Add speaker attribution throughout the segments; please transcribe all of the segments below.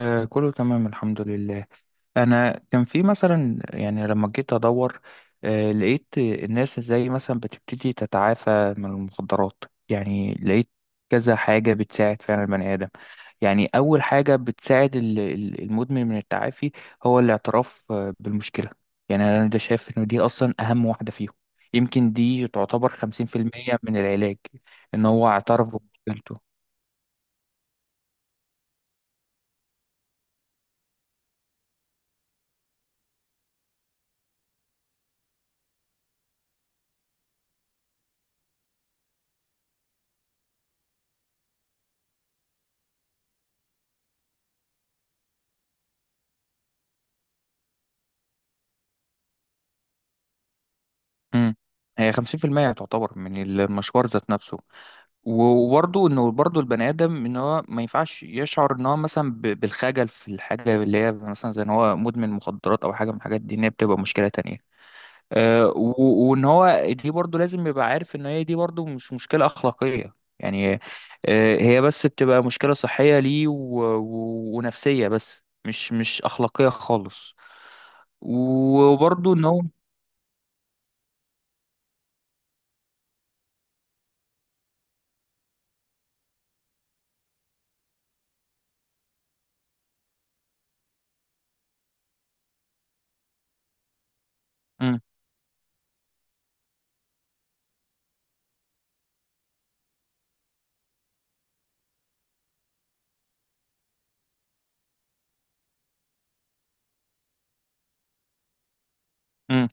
Speaker 1: آه كله تمام الحمد لله. انا كان في مثلا يعني لما جيت ادور، آه لقيت الناس ازاي مثلا بتبتدي تتعافى من المخدرات، يعني لقيت كذا حاجة بتساعد فعلا البني آدم. يعني أول حاجة بتساعد المدمن من التعافي هو الاعتراف بالمشكلة. يعني أنا ده شايف إن دي أصلا أهم واحدة فيهم. يمكن دي تعتبر 50% من العلاج، إن هو اعترف بمشكلته. مم. هي 50% تعتبر من المشوار ذات نفسه. وبرضه انه برضه البني ادم ان هو ما ينفعش يشعر ان هو مثلا بالخجل في الحاجه اللي هي مثلا زي ان هو مدمن مخدرات او حاجه من الحاجات دي، ان هي بتبقى مشكله تانية. أه وان هو دي برضه لازم يبقى عارف ان هي دي برضه مش مشكله اخلاقيه، يعني أه هي بس بتبقى مشكله صحيه ليه ونفسيه بس مش اخلاقيه خالص. وبرضه ان هو مم،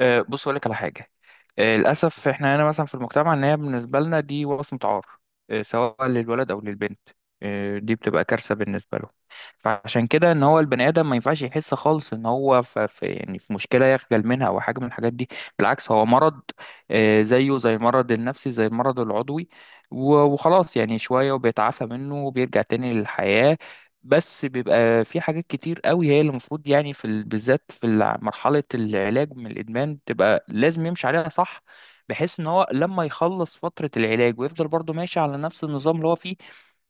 Speaker 1: آه، بص اقول لك على حاجه. آه، للاسف احنا هنا مثلا في المجتمع ان هي بالنسبه لنا دي وصمه عار، آه، سواء للولد او للبنت. آه، دي بتبقى كارثه بالنسبه له. فعشان كده ان هو البني ادم ما ينفعش يحس خالص ان هو في يعني في مشكله يخجل منها او حاجه من الحاجات دي. بالعكس هو مرض، آه، زيه زي المرض النفسي زي المرض العضوي. وخلاص يعني شويه وبيتعافى منه وبيرجع تاني للحياه. بس بيبقى في حاجات كتير قوي هي اللي المفروض يعني في بالذات في مرحلة العلاج من الإدمان بتبقى لازم يمشي عليها صح، بحيث إن هو لما يخلص فترة العلاج ويفضل برضه ماشي على نفس النظام اللي هو فيه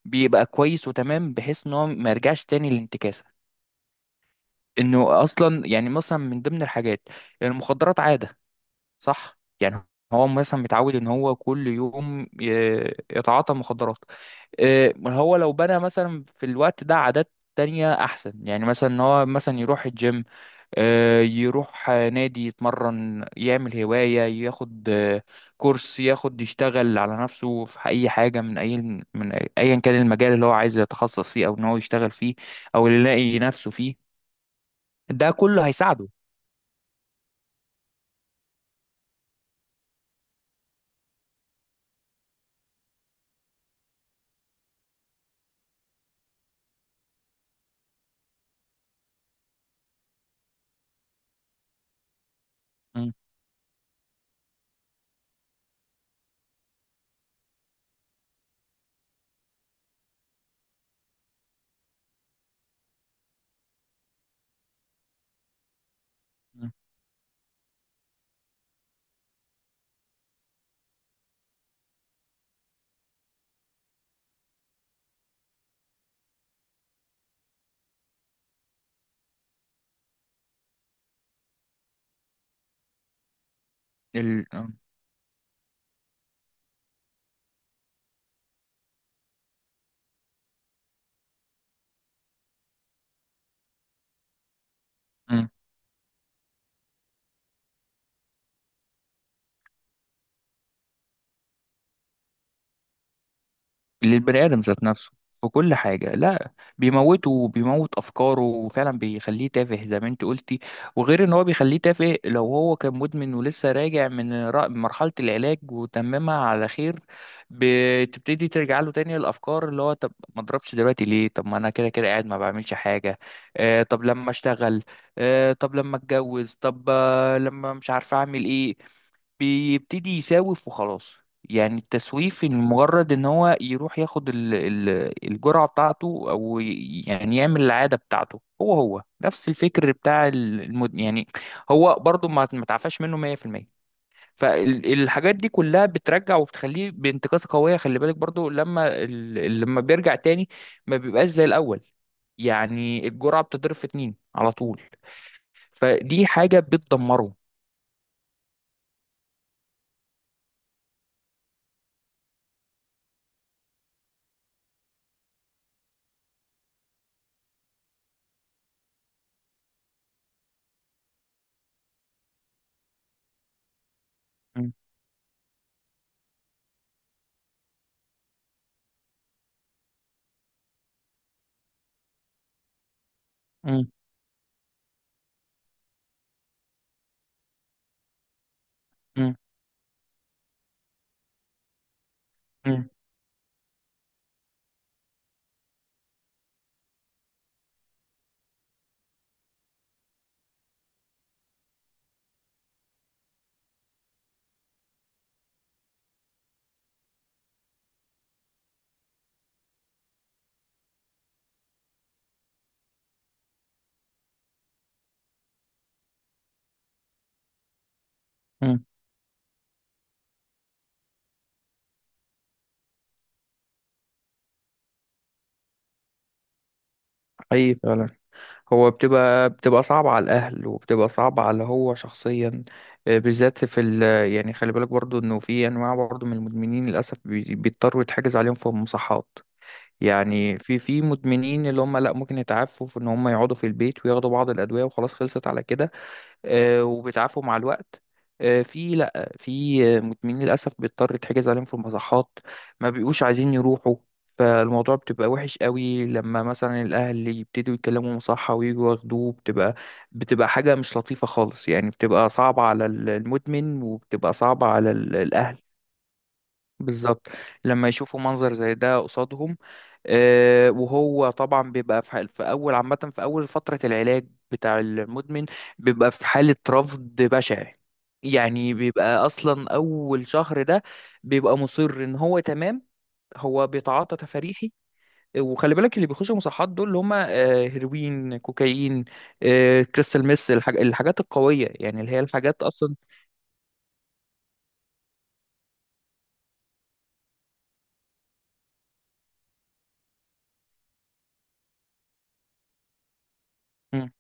Speaker 1: بيبقى كويس وتمام، بحيث إن هو ما يرجعش تاني للانتكاسة. إنه أصلا يعني مثلا من ضمن الحاجات، المخدرات عادة صح يعني. هو مثلا متعود إن هو كل يوم يتعاطى مخدرات. إيه، هو لو بنى مثلا في الوقت ده عادات تانية أحسن، يعني مثلا إن هو مثلا يروح الجيم، آه، يروح آه، نادي يتمرن يعمل هواية، ياخد آه، كورس، ياخد يشتغل على نفسه في أي حاجة من أي أيا كان المجال اللي هو عايز يتخصص فيه أو إن هو يشتغل فيه أو اللي يلاقي نفسه فيه. ده كله هيساعده. م- م- ال... م- للبني ادم ذات نفسه في كل حاجه لا، بيموته وبيموت افكاره وفعلا بيخليه تافه زي ما انت قلتي. وغير ان هو بيخليه تافه، لو هو كان مدمن ولسه راجع من مرحله العلاج وتممها على خير، بتبتدي ترجع له تاني الافكار اللي هو طب ما اضربش دلوقتي ليه، طب ما انا كده كده قاعد ما بعملش حاجه، آه طب لما اشتغل، آه طب لما اتجوز، طب آه لما مش عارف اعمل ايه. بيبتدي يساوف وخلاص. يعني التسويف، إن مجرد ان هو يروح ياخد الجرعة بتاعته او يعني يعمل العادة بتاعته، هو نفس الفكر بتاع يعني. هو برضو ما تعفاش منه 100%. فالحاجات دي كلها بترجع وبتخليه بانتكاسة قوية. خلي بالك برضو لما لما بيرجع تاني ما بيبقاش زي الأول، يعني الجرعة بتضرب في اتنين على طول. فدي حاجة بتدمره. م- م- م- م- م. اي فعلا. هو بتبقى صعبة على الاهل وبتبقى صعبة على هو شخصيا، آه، بالذات في ال... يعني خلي بالك برضو انه في انواع برضو من المدمنين للاسف بيضطروا يتحجز عليهم في المصحات. يعني في مدمنين اللي هم لا ممكن يتعافوا في ان هم يقعدوا في البيت وياخدوا بعض الادوية وخلاص خلصت على كده، آه، وبتعافوا مع الوقت. آه، في لا، في آه، مدمنين للاسف بيضطر يتحجز عليهم في المصحات، ما بيبقوش عايزين يروحوا. فالموضوع بتبقى وحش قوي لما مثلا الاهل يبتدوا يتكلموا مصحة ويجوا ياخدوه، بتبقى حاجة مش لطيفة خالص، يعني بتبقى صعبة على المدمن وبتبقى صعبة على الاهل. بالظبط. لما يشوفوا منظر زي ده قصادهم، آه، وهو طبعا بيبقى في في اول عامه في اول فتره العلاج بتاع المدمن بيبقى في حاله رفض بشع، يعني بيبقى اصلا اول شهر ده بيبقى مصر ان هو تمام، هو بيتعاطى تفريحي. وخلي بالك اللي بيخشوا مصحات دول اللي هم آه، هيروين، كوكايين، آه، كريستال ميس، الحاجات القويه يعني اللي هي الحاجات اصلا. امم.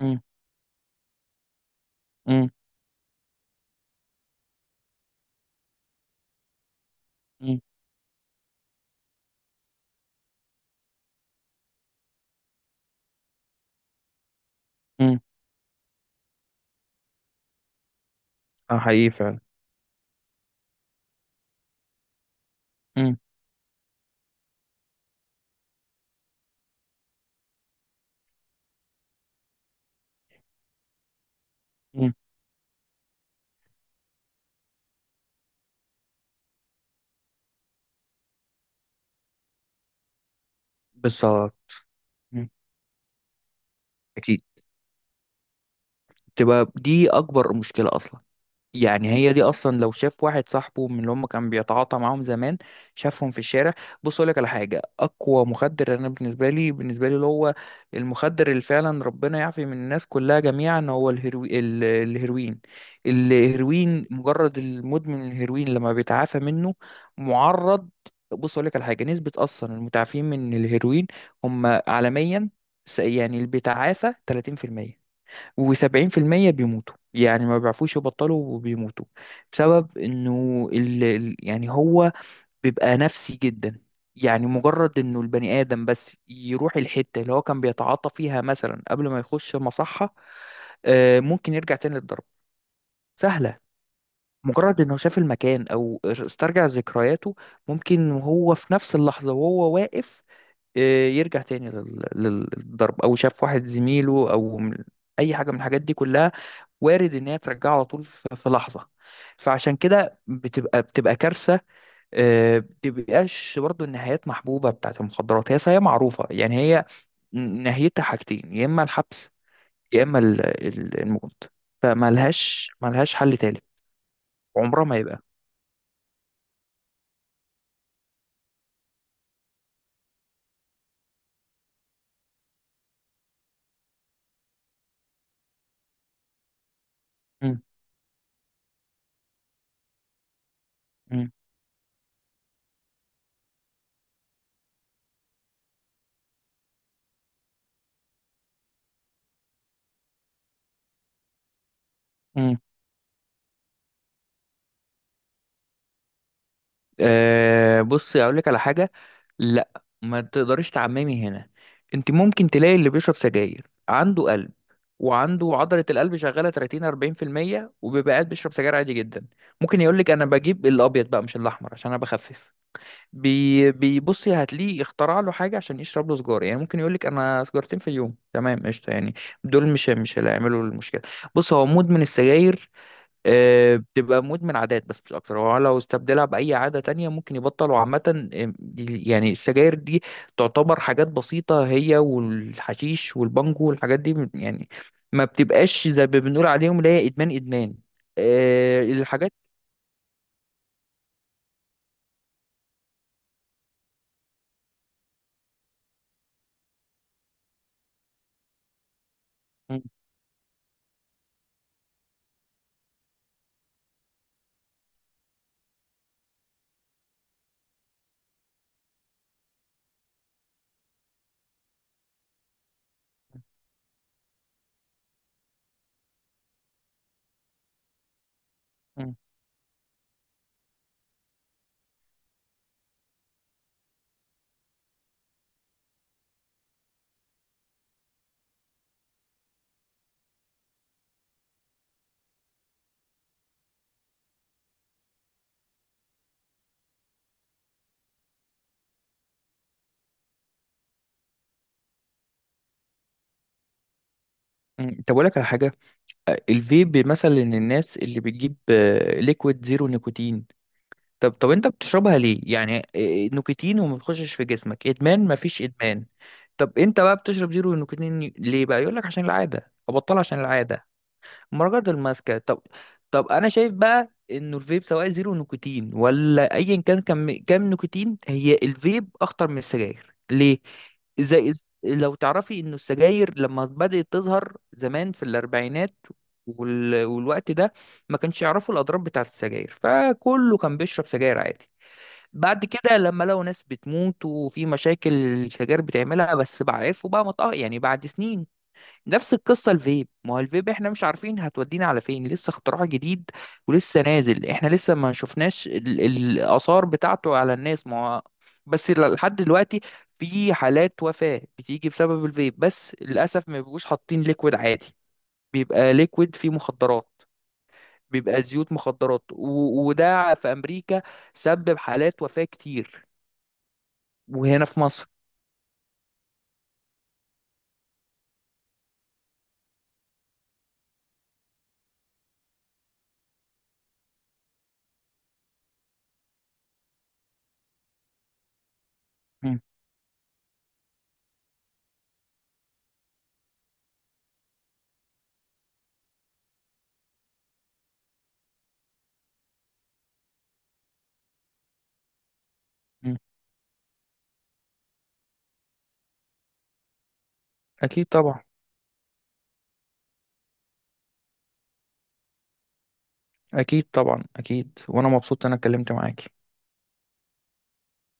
Speaker 1: امم. امم. امم. اه حقيقي فعلا. مم، بالظبط. مم. اكيد. تبقى دي اكبر مشكله اصلا. يعني هي دي اصلا لو شاف واحد صاحبه من اللي هم كان بيتعاطى معاهم زمان، شافهم في الشارع. بص اقول لك على حاجه. اقوى مخدر انا بالنسبه لي اللي هو، المخدر اللي فعلا ربنا يعفي من الناس كلها جميعا هو الهيروين. الهيروين مجرد المدمن الهيروين لما بيتعافى منه معرض. بص اقول لك على حاجه، نسبه اصلا المتعافين من الهيروين هم عالميا، يعني اللي بيتعافى 30%، وسبعين في المية بيموتوا، يعني ما بيعرفوش يبطلوا وبيموتوا. بسبب انه يعني هو بيبقى نفسي جدا، يعني مجرد انه البني ادم بس يروح الحتة اللي هو كان بيتعاطى فيها مثلا قبل ما يخش المصحة، آه، ممكن يرجع تاني للضرب سهلة. مجرد انه شاف المكان او استرجع ذكرياته، ممكن وهو في نفس اللحظة وهو واقف، آه، يرجع تاني للضرب، او شاف واحد زميله او اي حاجة من الحاجات دي كلها، وارد ان هي ترجعه على طول في لحظه. فعشان كده بتبقى كارثه. آه، بتبقاش برضو النهايات محبوبه بتاعت المخدرات، هي معروفه يعني، هي نهايتها حاجتين، يا اما الحبس يا اما الموت. فملهاش حل تالت عمرها ما يبقى. مم. مم. أه، بصي اقول لك على حاجه. لا ما تقدريش تعممي هنا. انت ممكن تلاقي اللي بيشرب سجاير عنده قلب وعنده عضله القلب شغاله 30 40%، وبيبقى قاعد بيشرب سجاير عادي جدا. ممكن يقول لك انا بجيب الابيض بقى مش الاحمر عشان انا بخفف. بيبصي هتلاقيه اخترع له حاجه عشان يشرب له سجاره. يعني ممكن يقول لك انا سجارتين في اليوم تمام قشطه يعني. دول مش اللي هيعملوا المشكله. بص، هو مدمن السجاير آه، بتبقى مدمن عادات بس مش اكتر. هو لو استبدلها باي عاده تانية ممكن يبطل، وعامه آه، يعني السجاير دي تعتبر حاجات بسيطه هي والحشيش والبانجو والحاجات دي يعني ما بتبقاش زي ما بنقول عليهم اللي هي ادمان ادمان، آه، الحاجات. م- م- م. طب اقول لك على حاجه. آه، الفيب مثلا الناس اللي بتجيب ليكويد زيرو نيكوتين. طب انت بتشربها ليه؟ يعني إيه، نيكوتين وما بتخشش في جسمك ادمان؟ مفيش ادمان. طب انت بقى بتشرب زيرو نيكوتين ليه بقى؟ يقول لك عشان العاده ابطلها عشان العاده. مراجعة الماسكة طب، طب انا شايف بقى انه الفيب سواء زيرو نيكوتين ولا ايا كان كام نيكوتين، هي الفيب اخطر من السجاير. ليه؟ زي لو تعرفي انه السجاير لما بدأت تظهر زمان في الاربعينات والوقت ده، ما كانش يعرفوا الاضرار بتاعه السجاير، فكله كان بيشرب سجاير عادي. بعد كده لما لقوا ناس بتموت وفي مشاكل السجاير بتعملها بس، بقى عرفوا بقى مطأ يعني، بعد سنين. نفس القصة الفيب. ما هو الفيب احنا مش عارفين هتودينا على فين، لسه اختراع جديد ولسه نازل. احنا لسه ما شفناش الآثار بتاعته على الناس ما هو. بس لحد دلوقتي في حالات وفاة بتيجي بسبب الفيب، بس للأسف ما بيبقوش حاطين ليكويد عادي، بيبقى ليكويد فيه مخدرات، بيبقى زيوت مخدرات، وده في أمريكا سبب حالات وفاة كتير. وهنا في مصر. مم. مم. أكيد طبعا. أكيد طبعا، أكيد. وأنا مبسوط إن أنا اتكلمت معاك.